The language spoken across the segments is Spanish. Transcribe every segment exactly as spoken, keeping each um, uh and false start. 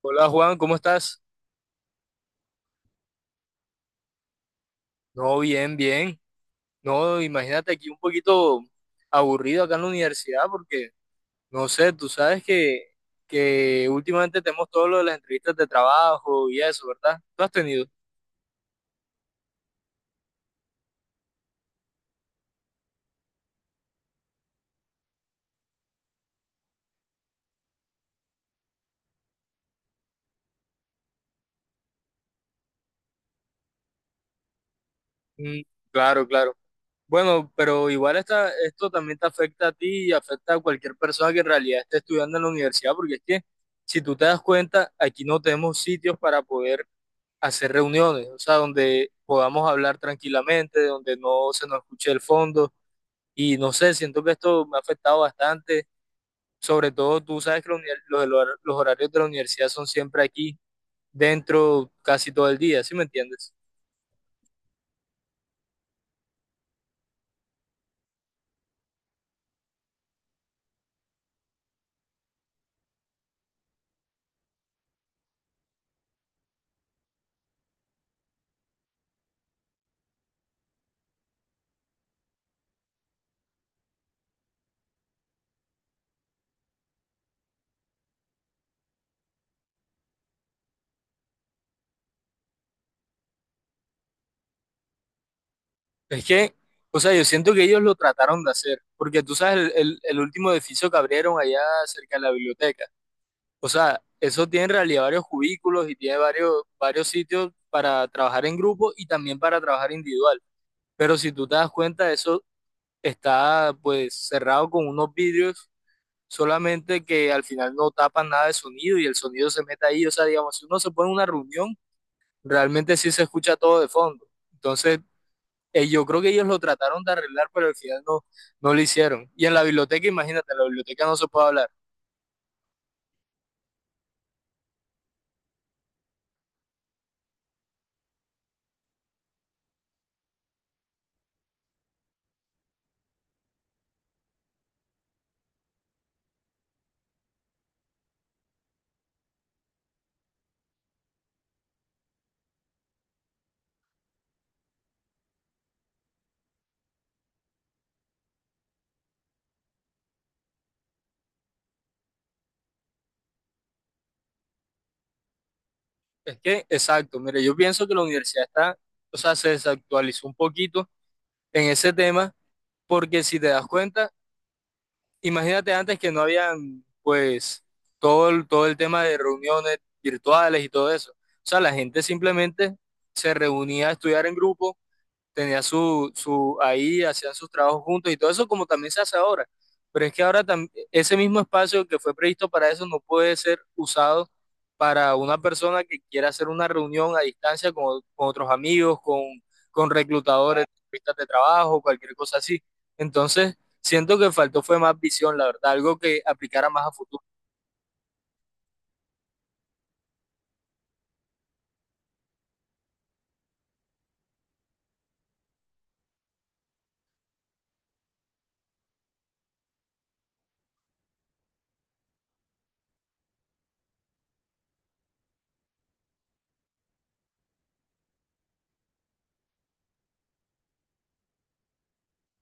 Hola Juan, ¿cómo estás? No, bien, bien. No, imagínate aquí un poquito aburrido acá en la universidad porque, no sé, tú sabes que, que últimamente tenemos todo lo de las entrevistas de trabajo y eso, ¿verdad? ¿Tú has tenido? Mm, claro, claro. Bueno, pero igual esta, esto también te afecta a ti y afecta a cualquier persona que en realidad esté estudiando en la universidad porque es que, si tú te das cuenta, aquí no tenemos sitios para poder hacer reuniones, o sea, donde podamos hablar tranquilamente, donde no se nos escuche el fondo. Y no sé, siento que esto me ha afectado bastante. Sobre todo, tú sabes que los, los, los horarios de la universidad son siempre aquí, dentro casi todo el día, ¿sí me entiendes? Es que, o sea, yo siento que ellos lo trataron de hacer, porque tú sabes, el, el, el último edificio que abrieron allá cerca de la biblioteca, o sea, eso tiene en realidad varios cubículos y tiene varios, varios sitios para trabajar en grupo y también para trabajar individual. Pero si tú te das cuenta, eso está pues cerrado con unos vidrios, solamente que al final no tapan nada de sonido y el sonido se mete ahí. O sea, digamos, si uno se pone en una reunión, realmente sí se escucha todo de fondo. Entonces, eh, yo creo que ellos lo trataron de arreglar, pero al final no, no lo hicieron. Y en la biblioteca, imagínate, en la biblioteca no se puede hablar. Es que, exacto, mire, yo pienso que la universidad está, o sea, se desactualizó un poquito en ese tema, porque si te das cuenta, imagínate antes que no habían, pues, todo el, todo el tema de reuniones virtuales y todo eso. O sea, la gente simplemente se reunía a estudiar en grupo, tenía su, su, ahí hacían sus trabajos juntos y todo eso como también se hace ahora. Pero es que ahora tam- ese mismo espacio que fue previsto para eso no puede ser usado para una persona que quiera hacer una reunión a distancia con, con otros amigos, con, con reclutadores, entrevistas de trabajo, cualquier cosa así. Entonces, siento que faltó fue más visión, la verdad, algo que aplicara más a futuro.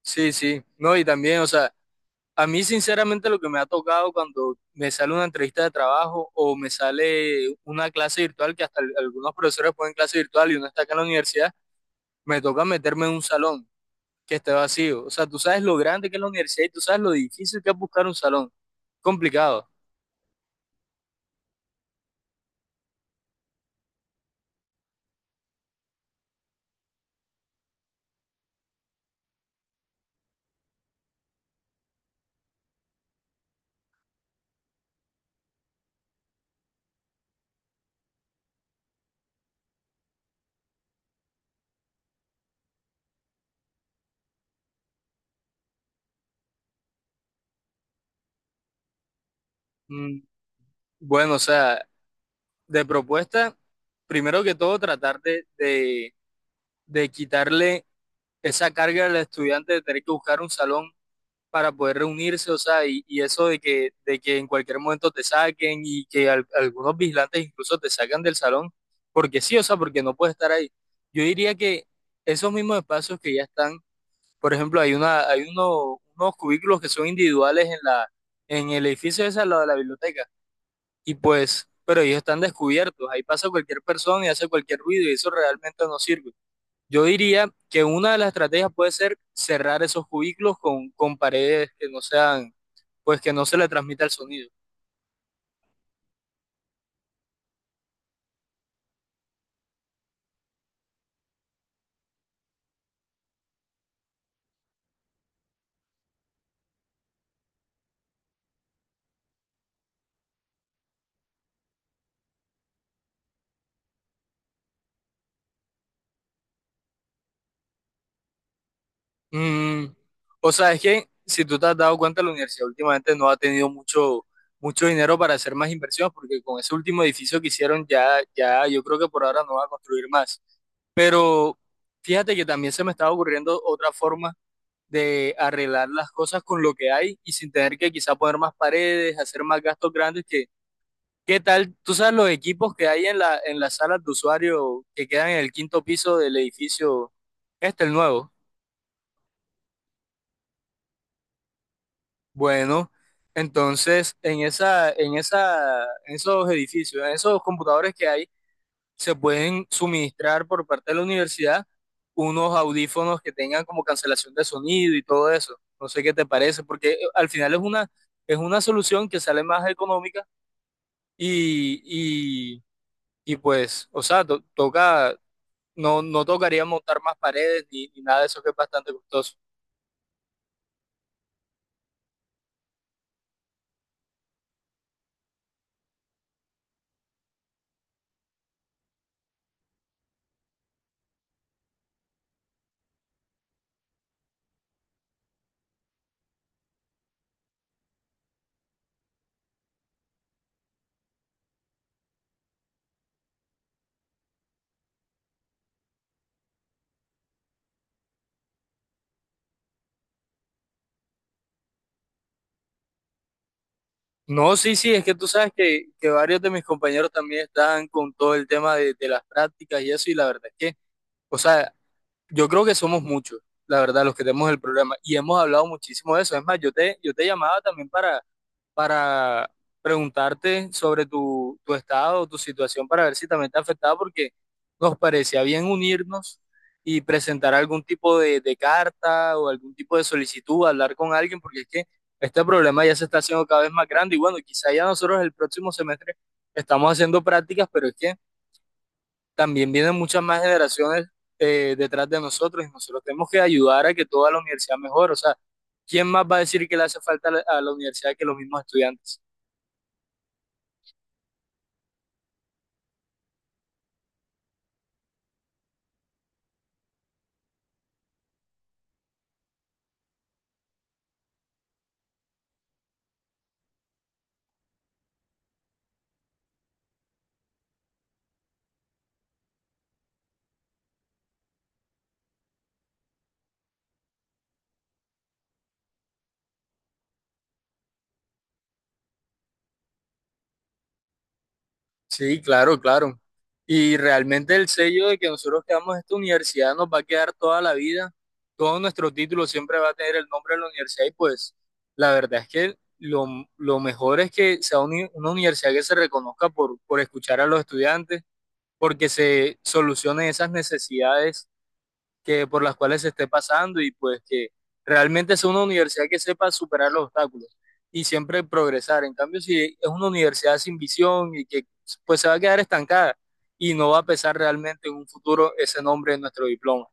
Sí, sí, no, y también, o sea, a mí, sinceramente, lo que me ha tocado cuando me sale una entrevista de trabajo o me sale una clase virtual, que hasta al- algunos profesores ponen clase virtual y uno está acá en la universidad, me toca meterme en un salón que esté vacío. O sea, tú sabes lo grande que es la universidad y tú sabes lo difícil que es buscar un salón. Complicado. Mm, bueno, o sea, de propuesta, primero que todo, tratar de, de, de quitarle esa carga al estudiante de tener que buscar un salón para poder reunirse, o sea, y, y eso de que, de que en cualquier momento te saquen y que al- algunos vigilantes incluso te sacan del salón, porque sí, o sea, porque no puedes estar ahí. Yo diría que esos mismos espacios que ya están, por ejemplo, hay una, hay uno- unos cubículos que son individuales en la, en el edificio ese al lado de la biblioteca, y pues, pero ellos están descubiertos, ahí pasa cualquier persona y hace cualquier ruido y eso realmente no sirve. Yo diría que una de las estrategias puede ser cerrar esos cubículos con, con paredes que no sean, pues que no se le transmita el sonido. Mm, o sea, es que si tú te has dado cuenta, la universidad últimamente no ha tenido mucho, mucho dinero para hacer más inversiones, porque con ese último edificio que hicieron ya, ya yo creo que por ahora no va a construir más. Pero fíjate que también se me estaba ocurriendo otra forma de arreglar las cosas con lo que hay y sin tener que quizá poner más paredes, hacer más gastos grandes que... ¿Qué tal? ¿Tú sabes los equipos que hay en la, en las salas de usuario que quedan en el quinto piso del edificio? Este, el nuevo. Bueno, entonces en esa, en esa, en esos edificios, en esos computadores que hay, se pueden suministrar por parte de la universidad unos audífonos que tengan como cancelación de sonido y todo eso. No sé qué te parece, porque eh, al final es una, es una solución que sale más económica y, y, y pues, o sea, to- toca, no, no tocaría montar más paredes ni, ni nada de eso que es bastante costoso. No, sí, sí, es que tú sabes que, que varios de mis compañeros también están con todo el tema de, de las prácticas y eso, y la verdad es que, o sea, yo creo que somos muchos, la verdad, los que tenemos el problema, y hemos hablado muchísimo de eso. Es más, yo te, yo te llamaba también para preguntarte sobre tu, tu estado, tu situación, para ver si también te afectaba, porque nos parecía bien unirnos y presentar algún tipo de, de carta o algún tipo de solicitud, hablar con alguien, porque es que este problema ya se está haciendo cada vez más grande y bueno, quizá ya nosotros el próximo semestre estamos haciendo prácticas, pero es que también vienen muchas más generaciones, eh, detrás de nosotros y nosotros tenemos que ayudar a que toda la universidad mejore, o sea, ¿quién más va a decir que le hace falta a la a la universidad que los mismos estudiantes? Sí, claro, claro. Y realmente el sello de que nosotros quedamos en esta universidad nos va a quedar toda la vida. Todo nuestro título siempre va a tener el nombre de la universidad y pues la verdad es que lo, lo mejor es que sea uni- una universidad que se reconozca por, por escuchar a los estudiantes, porque se solucionen esas necesidades que por las cuales se esté pasando y pues que realmente sea una universidad que sepa superar los obstáculos y siempre progresar. En cambio, si es una universidad sin visión y que pues se va a quedar estancada y no va a pesar realmente en un futuro ese nombre en nuestro diploma.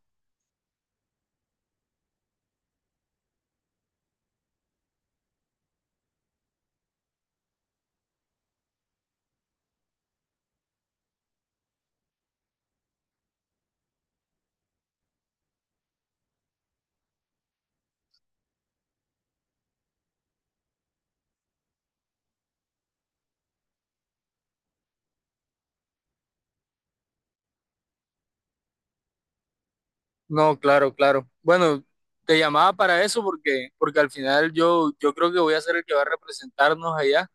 No, claro, claro. Bueno, te llamaba para eso porque, porque al final yo, yo creo que voy a ser el que va a representarnos allá.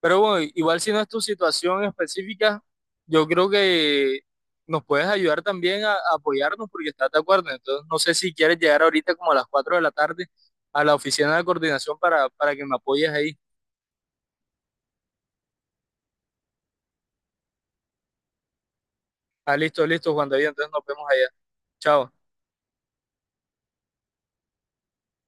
Pero bueno, igual si no es tu situación específica, yo creo que nos puedes ayudar también a, a apoyarnos porque estás de acuerdo. Entonces, no sé si quieres llegar ahorita como a las cuatro de la tarde a la oficina de coordinación para, para que me apoyes ahí. Ah, listo, listo, Juan David. Entonces nos vemos allá. Chao.